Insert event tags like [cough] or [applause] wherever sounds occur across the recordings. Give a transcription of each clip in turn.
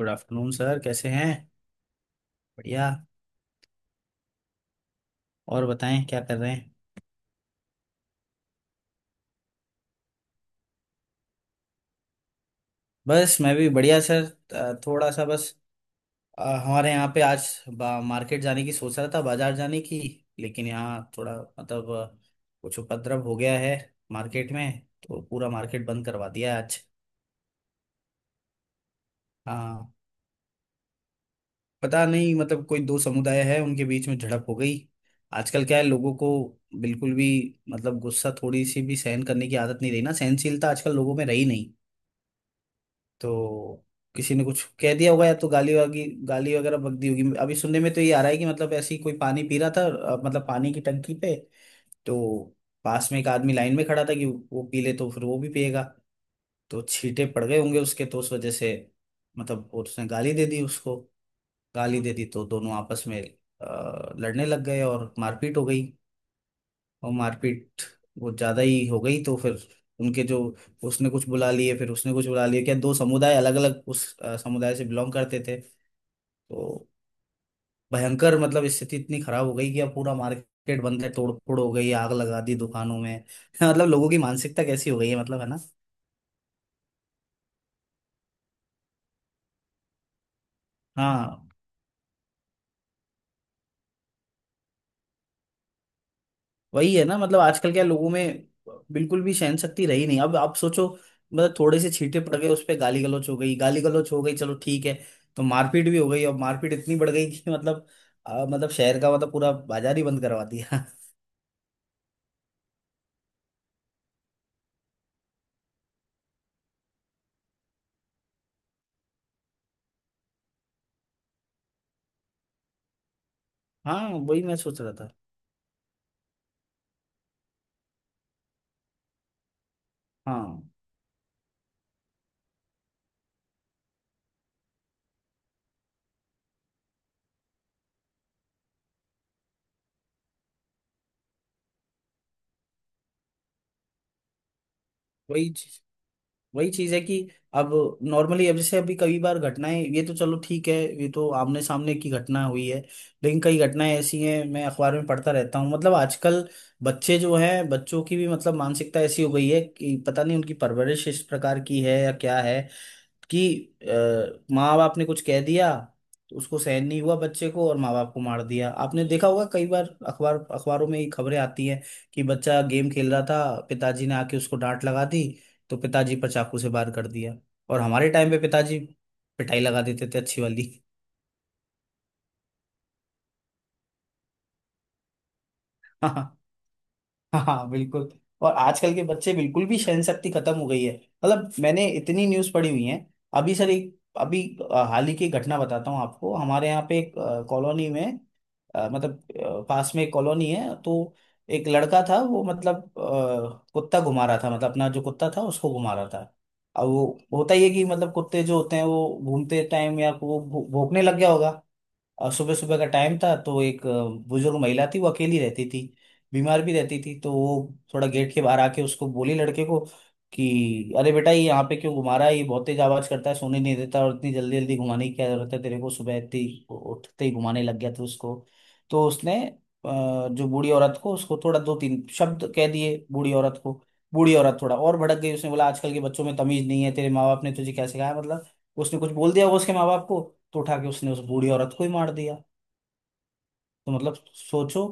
Good afternoon sir. कैसे हैं? बढ़िया। और बताएं क्या कर रहे हैं? बस मैं भी बढ़िया सर। थोड़ा सा बस। हमारे यहाँ पे आज मार्केट जाने की सोच रहा था, बाजार जाने की। लेकिन यहाँ थोड़ा मतलब कुछ उपद्रव हो गया है मार्केट में। तो पूरा मार्केट बंद करवा दिया है आज। हाँ। पता नहीं, मतलब कोई दो समुदाय है, उनके बीच में झड़प हो गई। आजकल क्या है लोगों को। बिल्कुल भी। मतलब गुस्सा, थोड़ी सी भी सहन करने की आदत नहीं रही ना, सहनशीलता आजकल लोगों में रही नहीं। तो किसी ने कुछ कह दिया होगा, या तो गाली वागी गाली वगैरह बक दी होगी। अभी सुनने में तो ये आ रहा है कि मतलब ऐसे ही कोई पानी पी रहा था, मतलब पानी की टंकी पे। तो पास में एक आदमी लाइन में खड़ा था कि वो पी ले तो फिर वो भी पिएगा। तो छींटे पड़ गए होंगे उसके, तो उस वजह से। मतलब वो, उसने गाली दे दी उसको। गाली दे दी तो दोनों आपस में लड़ने लग गए और मारपीट हो गई। और मारपीट वो ज्यादा ही हो गई तो फिर उनके जो, उसने कुछ बुला लिए, फिर उसने कुछ बुला लिए, क्या दो समुदाय अलग अलग उस समुदाय से बिलोंग करते थे। तो भयंकर मतलब स्थिति इतनी खराब हो गई कि अब पूरा मार्केट बंद है, तोड़ फोड़ हो गई, आग लगा दी दुकानों में। [laughs] मतलब लोगों की मानसिकता कैसी हो गई है, मतलब है ना। हाँ, वही है ना। मतलब आजकल क्या लोगों में बिल्कुल भी सहन शक्ति रही नहीं। अब आप सोचो। मतलब थोड़े से छींटे पड़ गए, उस पर गाली गलौच हो गई, गाली गलौच हो गई, चलो ठीक है। तो मारपीट भी हो गई और मारपीट इतनी बढ़ गई कि मतलब मतलब शहर का, मतलब पूरा बाजार ही बंद करवा दिया। [laughs] हाँ, वही मैं सोच रहा था। हाँ, वही चीज। वही चीज है कि अब, नॉर्मली अब जैसे अभी कई बार घटनाएं, ये तो चलो ठीक है। ये तो आमने सामने की घटना हुई है। लेकिन कई घटनाएं ऐसी हैं, मैं अखबार में पढ़ता रहता हूँ, मतलब आजकल बच्चे जो हैं, बच्चों की भी मतलब मानसिकता ऐसी हो गई है कि पता नहीं उनकी परवरिश इस प्रकार की है या क्या है। कि माँ बाप ने कुछ कह दिया तो उसको सहन नहीं हुआ बच्चे को, और माँ बाप को मार दिया। आपने देखा होगा कई बार, अखबारों में ये खबरें आती हैं। कि बच्चा गेम खेल रहा था, पिताजी ने आके उसको डांट लगा दी, तो पिताजी पर चाकू से वार कर दिया। और हमारे टाइम पे पिताजी पिटाई लगा देते थे, अच्छी वाली। [laughs] हाँ बिल्कुल। और आजकल के बच्चे, बिल्कुल भी सहन शक्ति खत्म हो गई है। मतलब मैंने इतनी न्यूज़ पढ़ी हुई है। अभी सर एक अभी हाल ही की घटना बताता हूँ आपको। हमारे यहाँ पे एक कॉलोनी में, मतलब पास में एक कॉलोनी है, तो एक लड़का था वो मतलब कुत्ता घुमा रहा था, मतलब अपना जो कुत्ता था उसको घुमा रहा था। अब वो होता ही है कि मतलब कुत्ते जो होते हैं वो घूमते टाइम या वो भौंकने लग गया होगा। और सुबह सुबह का टाइम था तो एक बुजुर्ग महिला थी, वो अकेली रहती थी। बीमार भी रहती थी, तो वो थोड़ा गेट के बाहर आके उसको बोली, लड़के को, कि अरे बेटा, ये यहाँ पे क्यों घुमा रहा है? ये बहुत तेज आवाज करता है, सोने नहीं देता, और इतनी जल्दी जल्दी घुमाने की क्या जरूरत है तेरे को? सुबह इतनी उठते ही घुमाने लग गया था उसको। तो उसने जो बूढ़ी औरत को, उसको थोड़ा दो तीन शब्द कह दिए बूढ़ी औरत को। बूढ़ी औरत थोड़ा और भड़क गई, उसने बोला आजकल के बच्चों में तमीज नहीं है, तेरे माँ बाप ने तुझे क्या सिखाया, मतलब। उसने कुछ बोल दिया होगा उसके माँ बाप को। तो उठा के उसने उस बूढ़ी औरत को ही मार दिया। तो मतलब सोचो।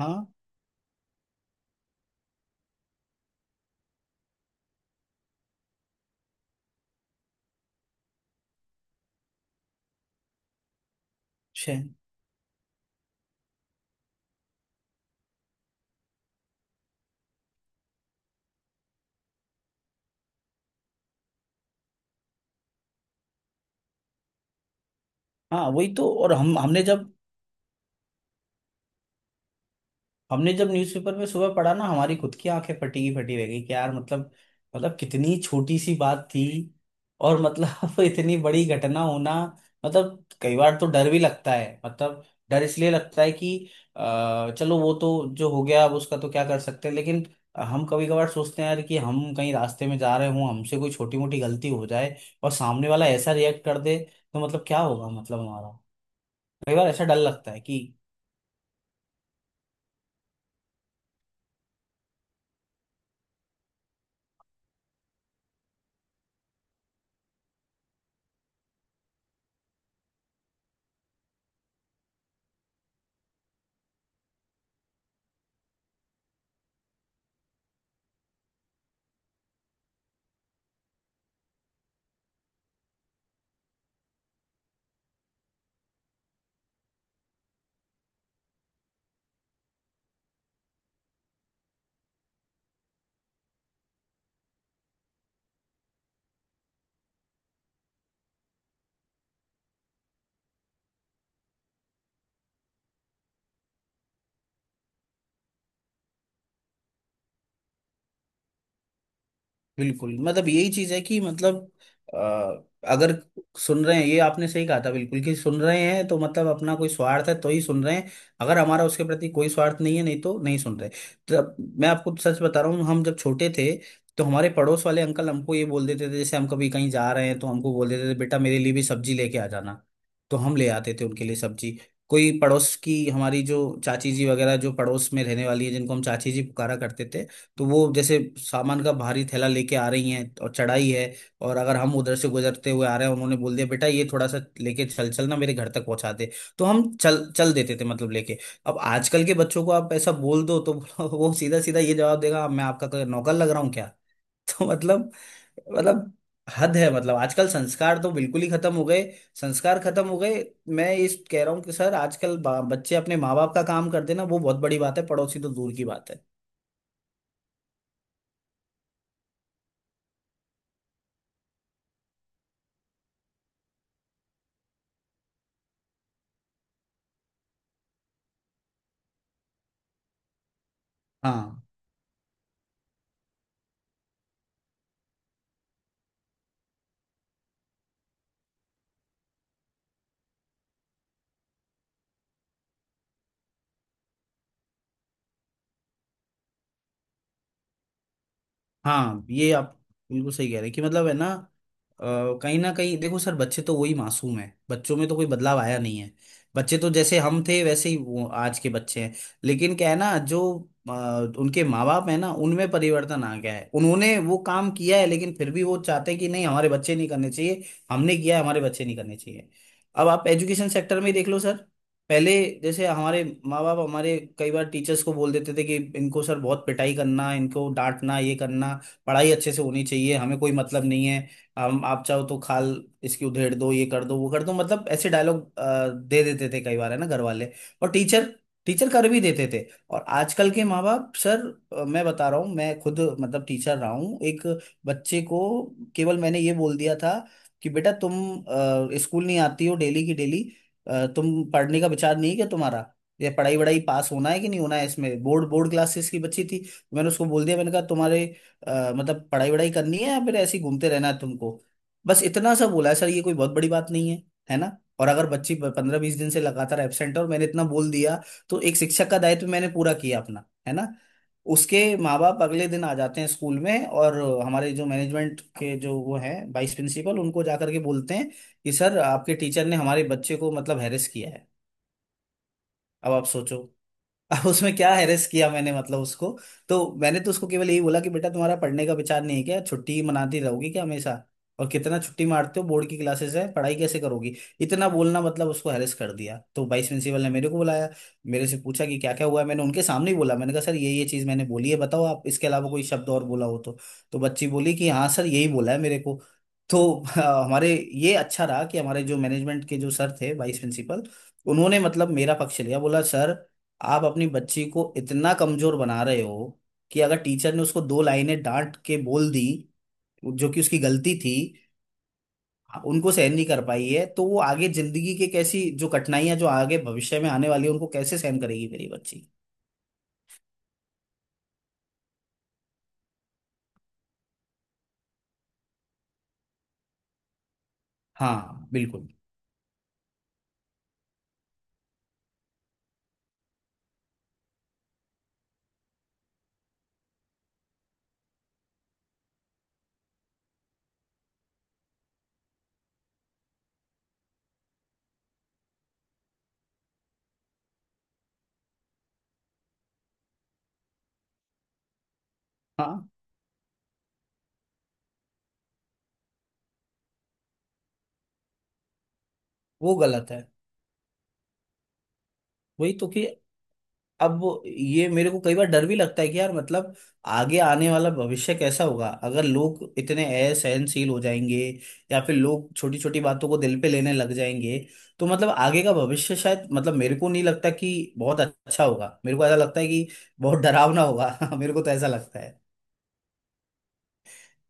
हाँ। शे हाँ, वही तो। और हम हमने जब न्यूज़पेपर में सुबह पढ़ा ना, हमारी खुद की आंखें फटी की फटी रह गई कि यार, मतलब, मतलब कितनी छोटी सी बात थी। और मतलब, [laughs] इतनी बड़ी घटना होना। मतलब कई बार तो डर भी लगता है, मतलब, डर इसलिए लगता है कि चलो, वो तो जो हो गया अब उसका तो क्या कर सकते हैं, लेकिन हम कभी कभार सोचते हैं यार कि हम कहीं रास्ते में जा रहे हों, हमसे कोई छोटी मोटी गलती हो जाए और सामने वाला ऐसा रिएक्ट कर दे, तो मतलब क्या होगा मतलब हमारा। कई बार ऐसा डर लगता है कि बिल्कुल मतलब यही चीज है कि मतलब अ, अगर सुन रहे हैं, ये आपने सही कहा था बिल्कुल, कि सुन रहे हैं तो मतलब अपना कोई स्वार्थ है तो ही सुन रहे हैं। अगर हमारा उसके प्रति कोई स्वार्थ नहीं है, नहीं तो नहीं सुन रहे। तब मैं आपको सच बता रहा हूँ, हम जब छोटे थे, तो हमारे पड़ोस वाले अंकल हमको ये बोल देते थे, जैसे हम कभी कहीं जा रहे हैं तो हमको बोल देते थे, बेटा मेरे लिए भी सब्जी लेके आ जाना। तो हम ले आते थे उनके लिए सब्जी। कोई पड़ोस की हमारी जो चाची जी वगैरह, जो पड़ोस में रहने वाली है, जिनको हम चाची जी पुकारा करते थे। तो वो जैसे सामान का भारी थैला लेके आ रही हैं और चढ़ाई है, और अगर हम उधर से गुजरते हुए आ रहे हैं, उन्होंने बोल दिया बेटा ये थोड़ा सा लेके चल चल ना, मेरे घर तक पहुंचा दे। तो हम चल चल देते थे, मतलब लेके। अब आजकल के बच्चों को आप ऐसा बोल दो तो [laughs] वो सीधा सीधा ये जवाब देगा, मैं आपका कोई नौकर लग रहा हूँ क्या। [laughs] तो मतलब, मतलब हद है, मतलब आजकल संस्कार तो बिल्कुल ही खत्म हो गए। संस्कार खत्म हो गए। मैं इस कह रहा हूँ कि सर आजकल बच्चे अपने माँ बाप का काम करते ना, वो बहुत बड़ी बात है, पड़ोसी तो दूर की बात है। हाँ हाँ, ये आप बिल्कुल सही कह रहे हैं कि, मतलब है ना, अ, कहीं ना कहीं देखो सर, बच्चे तो वही मासूम है, बच्चों में तो कोई बदलाव आया नहीं है। बच्चे तो जैसे हम थे वैसे ही वो आज के बच्चे हैं। लेकिन क्या है ना जो, अ, उनके माँ बाप है ना, उनमें परिवर्तन आ गया है, उन्होंने वो काम किया है, लेकिन फिर भी वो चाहते हैं कि नहीं हमारे बच्चे नहीं करने चाहिए। हमने किया है, हमारे बच्चे नहीं करने चाहिए। अब आप एजुकेशन सेक्टर में ही देख लो सर। पहले जैसे हमारे माँ बाप हमारे कई बार टीचर्स को बोल देते थे कि इनको सर बहुत पिटाई करना, इनको डांटना, ये करना। पढ़ाई अच्छे से होनी चाहिए, हमें कोई मतलब नहीं है। हम, आप चाहो तो खाल इसकी उधेड़ दो, ये कर दो, वो कर दो, मतलब ऐसे डायलॉग दे देते थे कई बार है ना घर वाले। और टीचर टीचर कर भी देते थे। और आजकल के माँ बाप सर, मैं बता रहा हूँ, मैं खुद मतलब टीचर रहा हूँ। एक बच्चे को केवल मैंने ये बोल दिया था कि बेटा तुम स्कूल नहीं आती हो डेली की डेली, तुम पढ़ने का विचार नहीं है क्या तुम्हारा? ये पढ़ाई वढ़ाई पास होना है कि नहीं होना है इसमें? बोर्ड बोर्ड क्लासेस की बच्ची थी, तो मैंने उसको बोल दिया, मैंने कहा तुम्हारे मतलब पढ़ाई वढ़ाई करनी है या फिर ऐसे ही घूमते रहना है तुमको? बस इतना सा बोला है सर, ये कोई बहुत बड़ी बात नहीं है, है ना। और अगर बच्ची 15-20 दिन से लगातार एब्सेंट है और मैंने इतना बोल दिया, तो एक शिक्षक का दायित्व मैंने पूरा किया अपना, है ना। उसके माँ बाप अगले दिन आ जाते हैं स्कूल में, और हमारे जो मैनेजमेंट के जो वो हैं वाइस प्रिंसिपल, उनको जा करके बोलते हैं कि सर आपके टीचर ने हमारे बच्चे को मतलब हैरेस किया है। अब आप सोचो। [laughs] अब उसमें क्या हेरेस किया मैंने मतलब उसको। तो मैंने तो उसको केवल यही बोला कि बेटा तुम्हारा पढ़ने का विचार नहीं है क्या? छुट्टी ही मनाती रहोगी क्या हमेशा? और कितना छुट्टी मारते हो, बोर्ड की क्लासेस है, पढ़ाई कैसे करोगी? इतना बोलना मतलब उसको हेरेस कर दिया, तो वाइस प्रिंसिपल ने मेरे को बुलाया। मेरे से पूछा कि क्या क्या हुआ है, मैंने उनके सामने ही बोला, मैंने कहा सर ये चीज़ मैंने बोली है, बताओ आप इसके अलावा कोई शब्द और बोला हो तो। तो बच्ची बोली कि हाँ सर, यही बोला है मेरे को। तो [laughs] हमारे ये अच्छा रहा कि हमारे जो मैनेजमेंट के जो सर थे, वाइस प्रिंसिपल, उन्होंने मतलब मेरा पक्ष लिया, बोला सर आप अपनी बच्ची को इतना कमजोर बना रहे हो कि अगर टीचर ने उसको दो लाइनें डांट के बोल दी, जो कि उसकी गलती थी, उनको सहन नहीं कर पाई है, तो वो आगे जिंदगी के कैसी जो कठिनाइयां जो आगे भविष्य में आने वाली है, उनको कैसे सहन करेगी मेरी बच्ची। हाँ बिल्कुल। हाँ, वो गलत है। वही तो कि अब ये मेरे को कई बार डर भी लगता है कि यार मतलब, आगे आने वाला भविष्य कैसा होगा अगर लोग इतने असहनशील हो जाएंगे, या फिर लोग छोटी छोटी बातों को दिल पे लेने लग जाएंगे। तो मतलब आगे का भविष्य, शायद मतलब मेरे को नहीं लगता कि बहुत अच्छा होगा, मेरे को ऐसा लगता है कि बहुत डरावना होगा। [laughs] मेरे को तो ऐसा लगता है।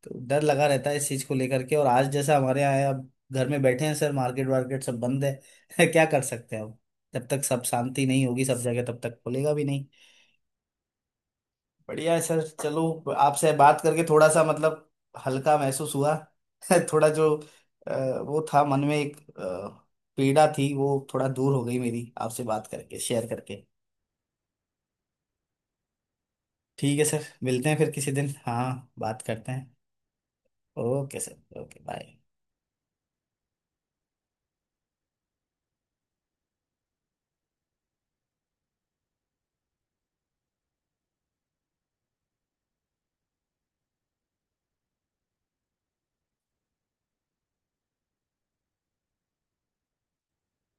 तो डर लगा रहता है इस चीज को लेकर के, और आज जैसा हमारे यहाँ है, अब घर में बैठे हैं सर, मार्केट वार्केट सब बंद है। [laughs] क्या कर सकते हैं अब। जब तक सब शांति नहीं होगी सब जगह, तब तक खुलेगा भी नहीं। बढ़िया है सर, चलो। आपसे बात करके थोड़ा सा मतलब हल्का महसूस हुआ। [laughs] थोड़ा जो वो था मन में, एक पीड़ा थी, वो थोड़ा दूर हो गई मेरी आपसे बात करके, शेयर करके। ठीक है सर, मिलते हैं फिर किसी दिन, हाँ बात करते हैं। Okay sir, okay, bye.